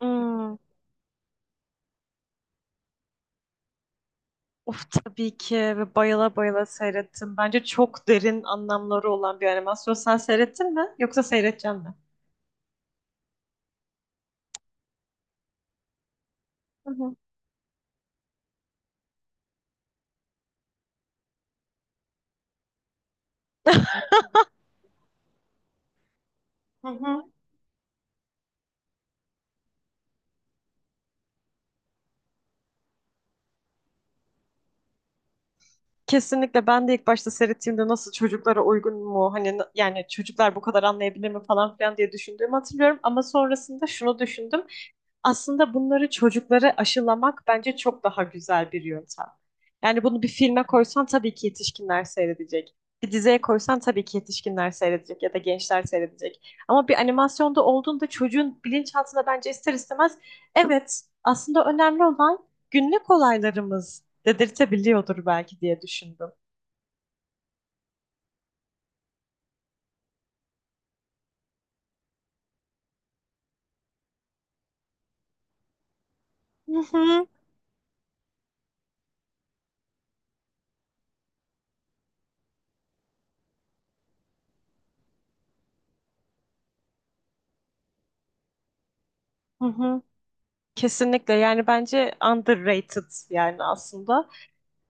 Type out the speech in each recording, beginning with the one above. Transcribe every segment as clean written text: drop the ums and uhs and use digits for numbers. Hmm, of tabii ki ve bayıla bayıla seyrettim. Bence çok derin anlamları olan bir animasyon. Sen seyrettin mi? Yoksa seyredeceksin mi? Hı hı. Hı hı. Kesinlikle ben de ilk başta seyrettiğimde nasıl çocuklara uygun mu hani yani çocuklar bu kadar anlayabilir mi falan filan diye düşündüğümü hatırlıyorum ama sonrasında şunu düşündüm. Aslında bunları çocuklara aşılamak bence çok daha güzel bir yöntem. Yani bunu bir filme koysan tabii ki yetişkinler seyredecek. Bir diziye koysan tabii ki yetişkinler seyredecek ya da gençler seyredecek. Ama bir animasyonda olduğunda çocuğun bilinçaltında bence ister istemez evet aslında önemli olan günlük olaylarımız dedirtebiliyordur belki diye düşündüm. Hı hı. Hı hı. Kesinlikle yani bence underrated yani aslında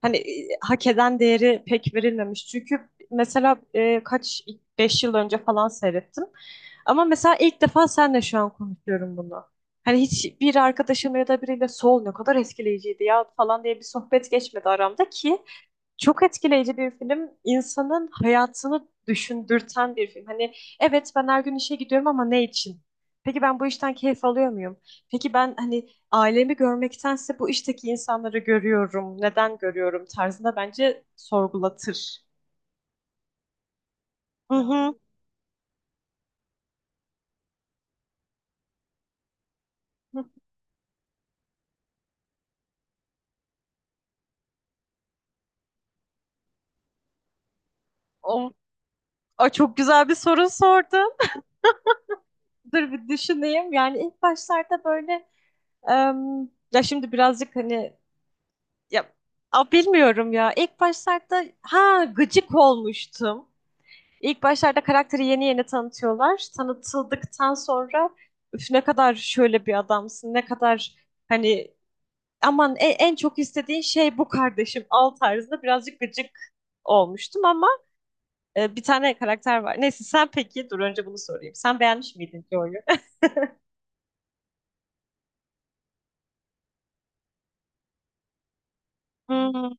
hani hak eden değeri pek verilmemiş çünkü mesela kaç 5 yıl önce falan seyrettim ama mesela ilk defa senle şu an konuşuyorum bunu hani hiç bir arkadaşımla ya da biriyle sol ne kadar etkileyiciydi ya falan diye bir sohbet geçmedi aramda ki çok etkileyici bir film. İnsanın hayatını düşündürten bir film. Hani evet ben her gün işe gidiyorum ama ne için? Peki ben bu işten keyif alıyor muyum? Peki ben hani ailemi görmektense bu işteki insanları görüyorum. Neden görüyorum tarzında bence sorgulatır. Hı hı. O, o çok güzel bir soru sordun. Dur bir düşüneyim. Yani ilk başlarda böyle em, ya şimdi birazcık hani ya, bilmiyorum ya. İlk başlarda ha gıcık olmuştum. İlk başlarda karakteri yeni yeni tanıtıyorlar. Tanıtıldıktan sonra üf ne kadar şöyle bir adamsın, ne kadar hani aman en, çok istediğin şey bu kardeşim al tarzında birazcık gıcık olmuştum ama bir tane karakter var. Neyse sen peki dur önce bunu sorayım. Sen beğenmiş miydin Joy'u? Hmm.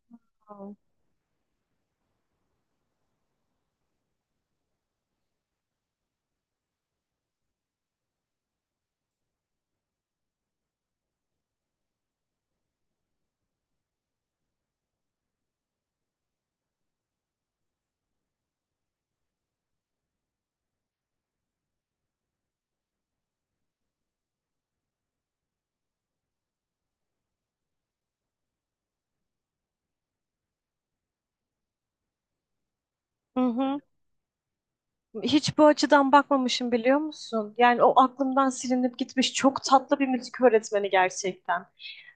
Hı hı. Hiç bu açıdan bakmamışım biliyor musun? Yani o aklımdan silinip gitmiş çok tatlı bir müzik öğretmeni gerçekten.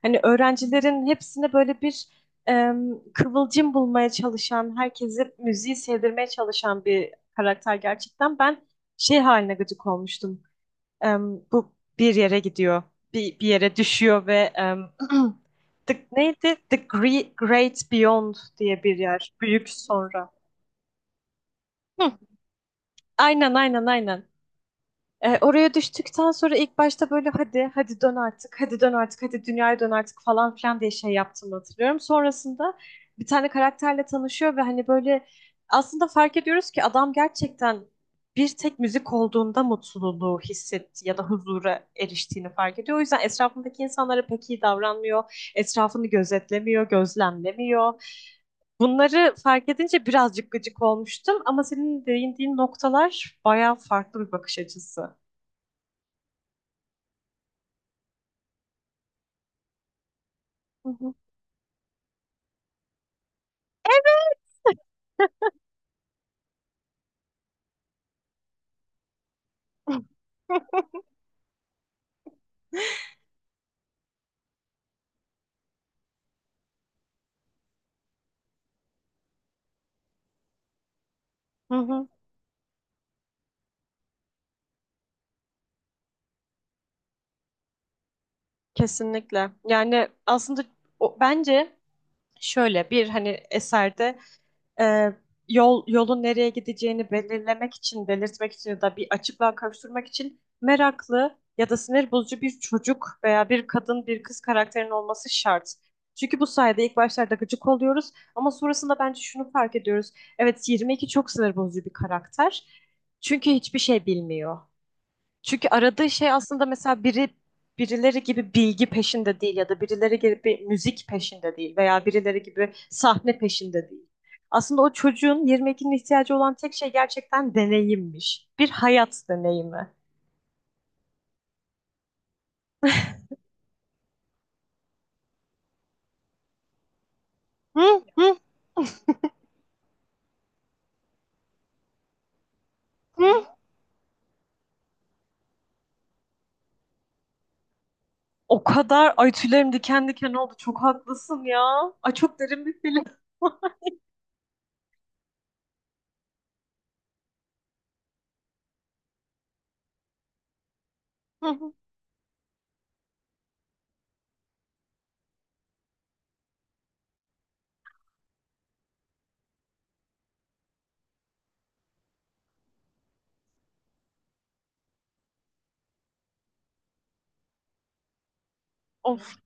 Hani öğrencilerin hepsine böyle bir kıvılcım bulmaya çalışan, herkesi müziği sevdirmeye çalışan bir karakter gerçekten. Ben şey haline gıcık olmuştum. Bu bir yere gidiyor, bir yere düşüyor ve the, neydi? The Great Beyond diye bir yer. Büyük sonra. Hı, aynen, aynen, aynen. Oraya düştükten sonra ilk başta böyle hadi hadi dön artık hadi dön artık hadi dünyaya dön artık falan filan diye şey yaptığımı hatırlıyorum. Sonrasında bir tane karakterle tanışıyor ve hani böyle aslında fark ediyoruz ki adam gerçekten bir tek müzik olduğunda mutluluğu hissetti ya da huzura eriştiğini fark ediyor. O yüzden etrafındaki insanlara pek iyi davranmıyor. Etrafını gözetlemiyor, gözlemlemiyor. Bunları fark edince birazcık gıcık olmuştum ama senin değindiğin noktalar bayağı farklı bir bakış açısı. Hı hı. Hı hı. Kesinlikle. Yani aslında o, bence şöyle bir hani eserde e, yolun nereye gideceğini belirlemek için, belirtmek için ya da bir açıklığa kavuşturmak için meraklı ya da sinir bozucu bir çocuk veya bir kadın, bir kız karakterin olması şart. Çünkü bu sayede ilk başlarda gıcık oluyoruz ama sonrasında bence şunu fark ediyoruz. Evet, 22 çok sinir bozucu bir karakter. Çünkü hiçbir şey bilmiyor. Çünkü aradığı şey aslında mesela birileri gibi bilgi peşinde değil ya da birileri gibi müzik peşinde değil veya birileri gibi sahne peşinde değil. Aslında o çocuğun 22'nin ihtiyacı olan tek şey gerçekten deneyimmiş. Bir hayat deneyimi. Hı hı hı. O kadar ay tüylerim diken diken oldu. Çok haklısın ya. Ay çok derin bir film. Of.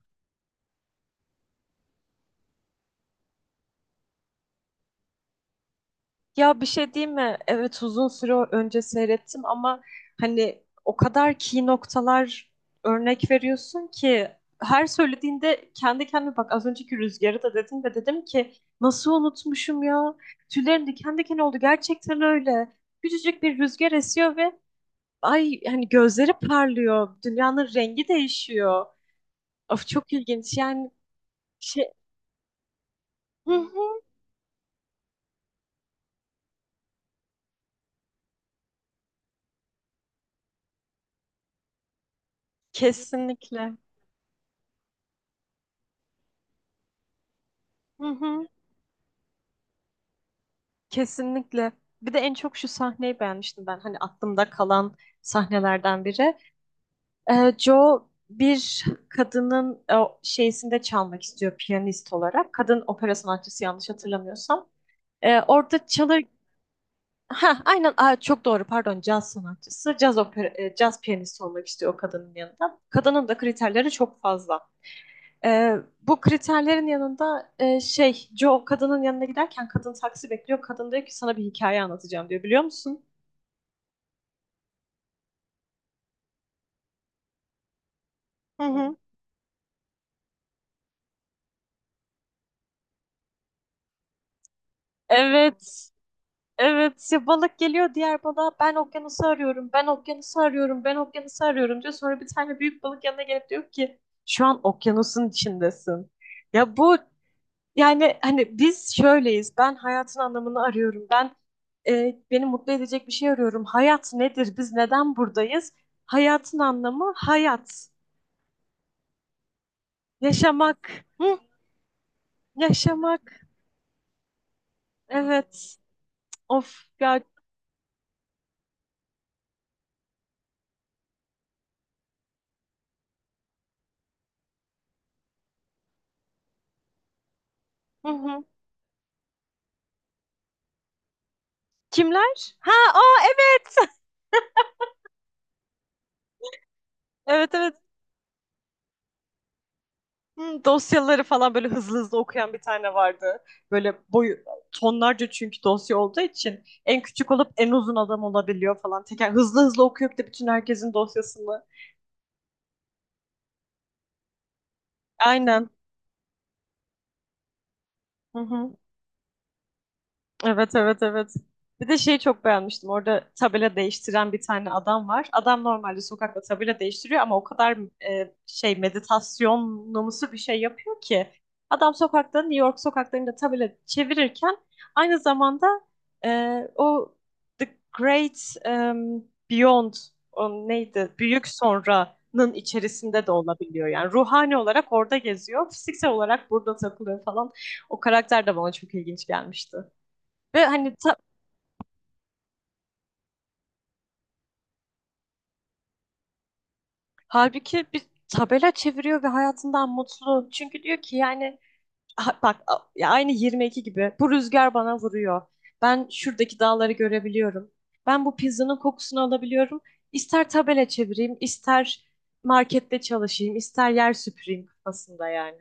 Ya bir şey diyeyim mi? Evet uzun süre önce seyrettim ama hani o kadar key noktalar örnek veriyorsun ki her söylediğinde kendi kendime bak az önceki rüzgarı da dedim ve dedim ki nasıl unutmuşum ya? Tüylerim diken diken oldu gerçekten öyle. Küçücük bir rüzgar esiyor ve ay hani gözleri parlıyor. Dünyanın rengi değişiyor. Of çok ilginç yani şey. Hı hı, kesinlikle. Hı hı. Kesinlikle. Bir de en çok şu sahneyi beğenmiştim ben. Hani aklımda kalan sahnelerden biri. Joe bir kadının o şeysinde çalmak istiyor piyanist olarak. Kadın opera sanatçısı yanlış hatırlamıyorsam. Orada çalır... Ha, aynen. Aa, çok doğru, pardon, caz sanatçısı. Caz, opera, caz piyanisti olmak istiyor o kadının yanında. Kadının da kriterleri çok fazla. Bu kriterlerin yanında şey, Joe kadının yanına giderken kadın taksi bekliyor. Kadın diyor ki sana bir hikaye anlatacağım diyor biliyor musun? Hı hı. Evet. Evet ya balık geliyor diğer balığa ben okyanusu arıyorum ben okyanusu arıyorum ben okyanusu arıyorum diyor. Sonra bir tane büyük balık yanına gelip diyor ki şu an okyanusun içindesin. Ya bu yani hani biz şöyleyiz ben hayatın anlamını arıyorum ben beni mutlu edecek bir şey arıyorum. Hayat nedir biz neden buradayız? Hayatın anlamı hayat yaşamak. Hı, yaşamak evet of ya. Hı hı. Kimler? Ha o evet. Evet evet. Hı, dosyaları falan böyle hızlı hızlı okuyan bir tane vardı. Böyle boyu tonlarca çünkü dosya olduğu için en küçük olup en uzun adam olabiliyor falan. Teker hızlı hızlı okuyup de bütün herkesin dosyasını. Aynen. Hı hı. Evet evet evet. Bir de şeyi çok beğenmiştim. Orada tabela değiştiren bir tane adam var. Adam normalde sokakta tabela değiştiriyor ama o kadar şey meditasyonumsu bir şey yapıyor ki. Adam sokakta New York sokaklarında tabela çevirirken aynı zamanda e, o The Great Beyond o neydi? Büyük sonranın içerisinde de olabiliyor. Yani ruhani olarak orada geziyor. Fiziksel olarak burada takılıyor falan. O karakter de bana çok ilginç gelmişti. Ve hani halbuki bir tabela çeviriyor ve hayatından mutlu. Çünkü diyor ki yani bak ya aynı 22 gibi bu rüzgar bana vuruyor. Ben şuradaki dağları görebiliyorum. Ben bu pizzanın kokusunu alabiliyorum. İster tabela çevireyim, ister markette çalışayım, ister yer süpüreyim kafasında yani.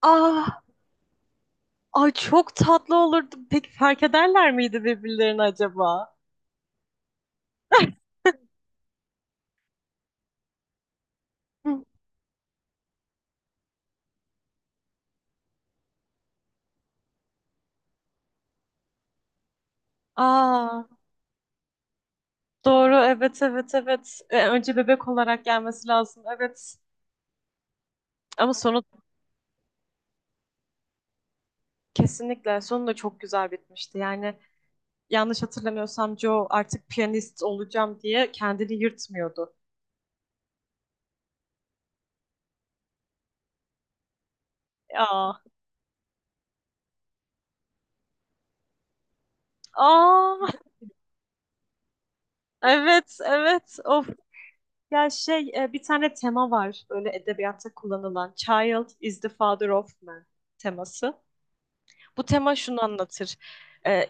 Ah, ay çok tatlı olurdu. Peki fark ederler miydi birbirlerini acaba? Hı. Aa, doğru, evet, evet, evet. Önce bebek olarak gelmesi lazım, evet. Ama sonu kesinlikle, sonu da çok güzel bitmişti. Yani yanlış hatırlamıyorsam Joe artık piyanist olacağım diye kendini yırtmıyordu. Aa, aa, evet, evet. Of, ya şey, bir tane tema var böyle edebiyatta kullanılan. Child is the father of man teması. Bu tema şunu anlatır. E,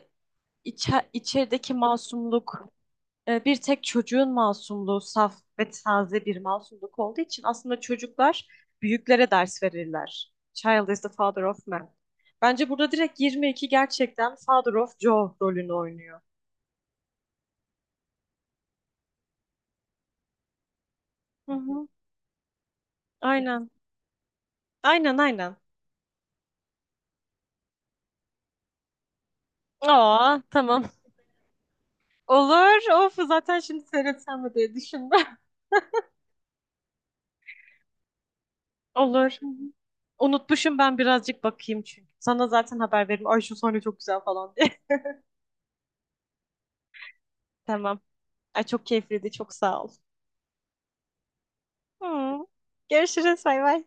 içerideki masumluk bir tek çocuğun masumluğu saf ve taze bir masumluk olduğu için aslında çocuklar büyüklere ders verirler. Child is the father of man. Bence burada direkt 22 gerçekten father of Joe rolünü oynuyor. Hı hı. Aynen. Aynen aynen. Aa tamam. Olur. Of zaten şimdi seyretsem mi diye düşündüm. Olur. Hı hı. Unutmuşum ben birazcık bakayım çünkü. Sana zaten haber veririm. Ay şu sahne çok güzel falan diye. Tamam. Ay çok keyifliydi. Çok sağ ol. Hı. Görüşürüz. Bay bay.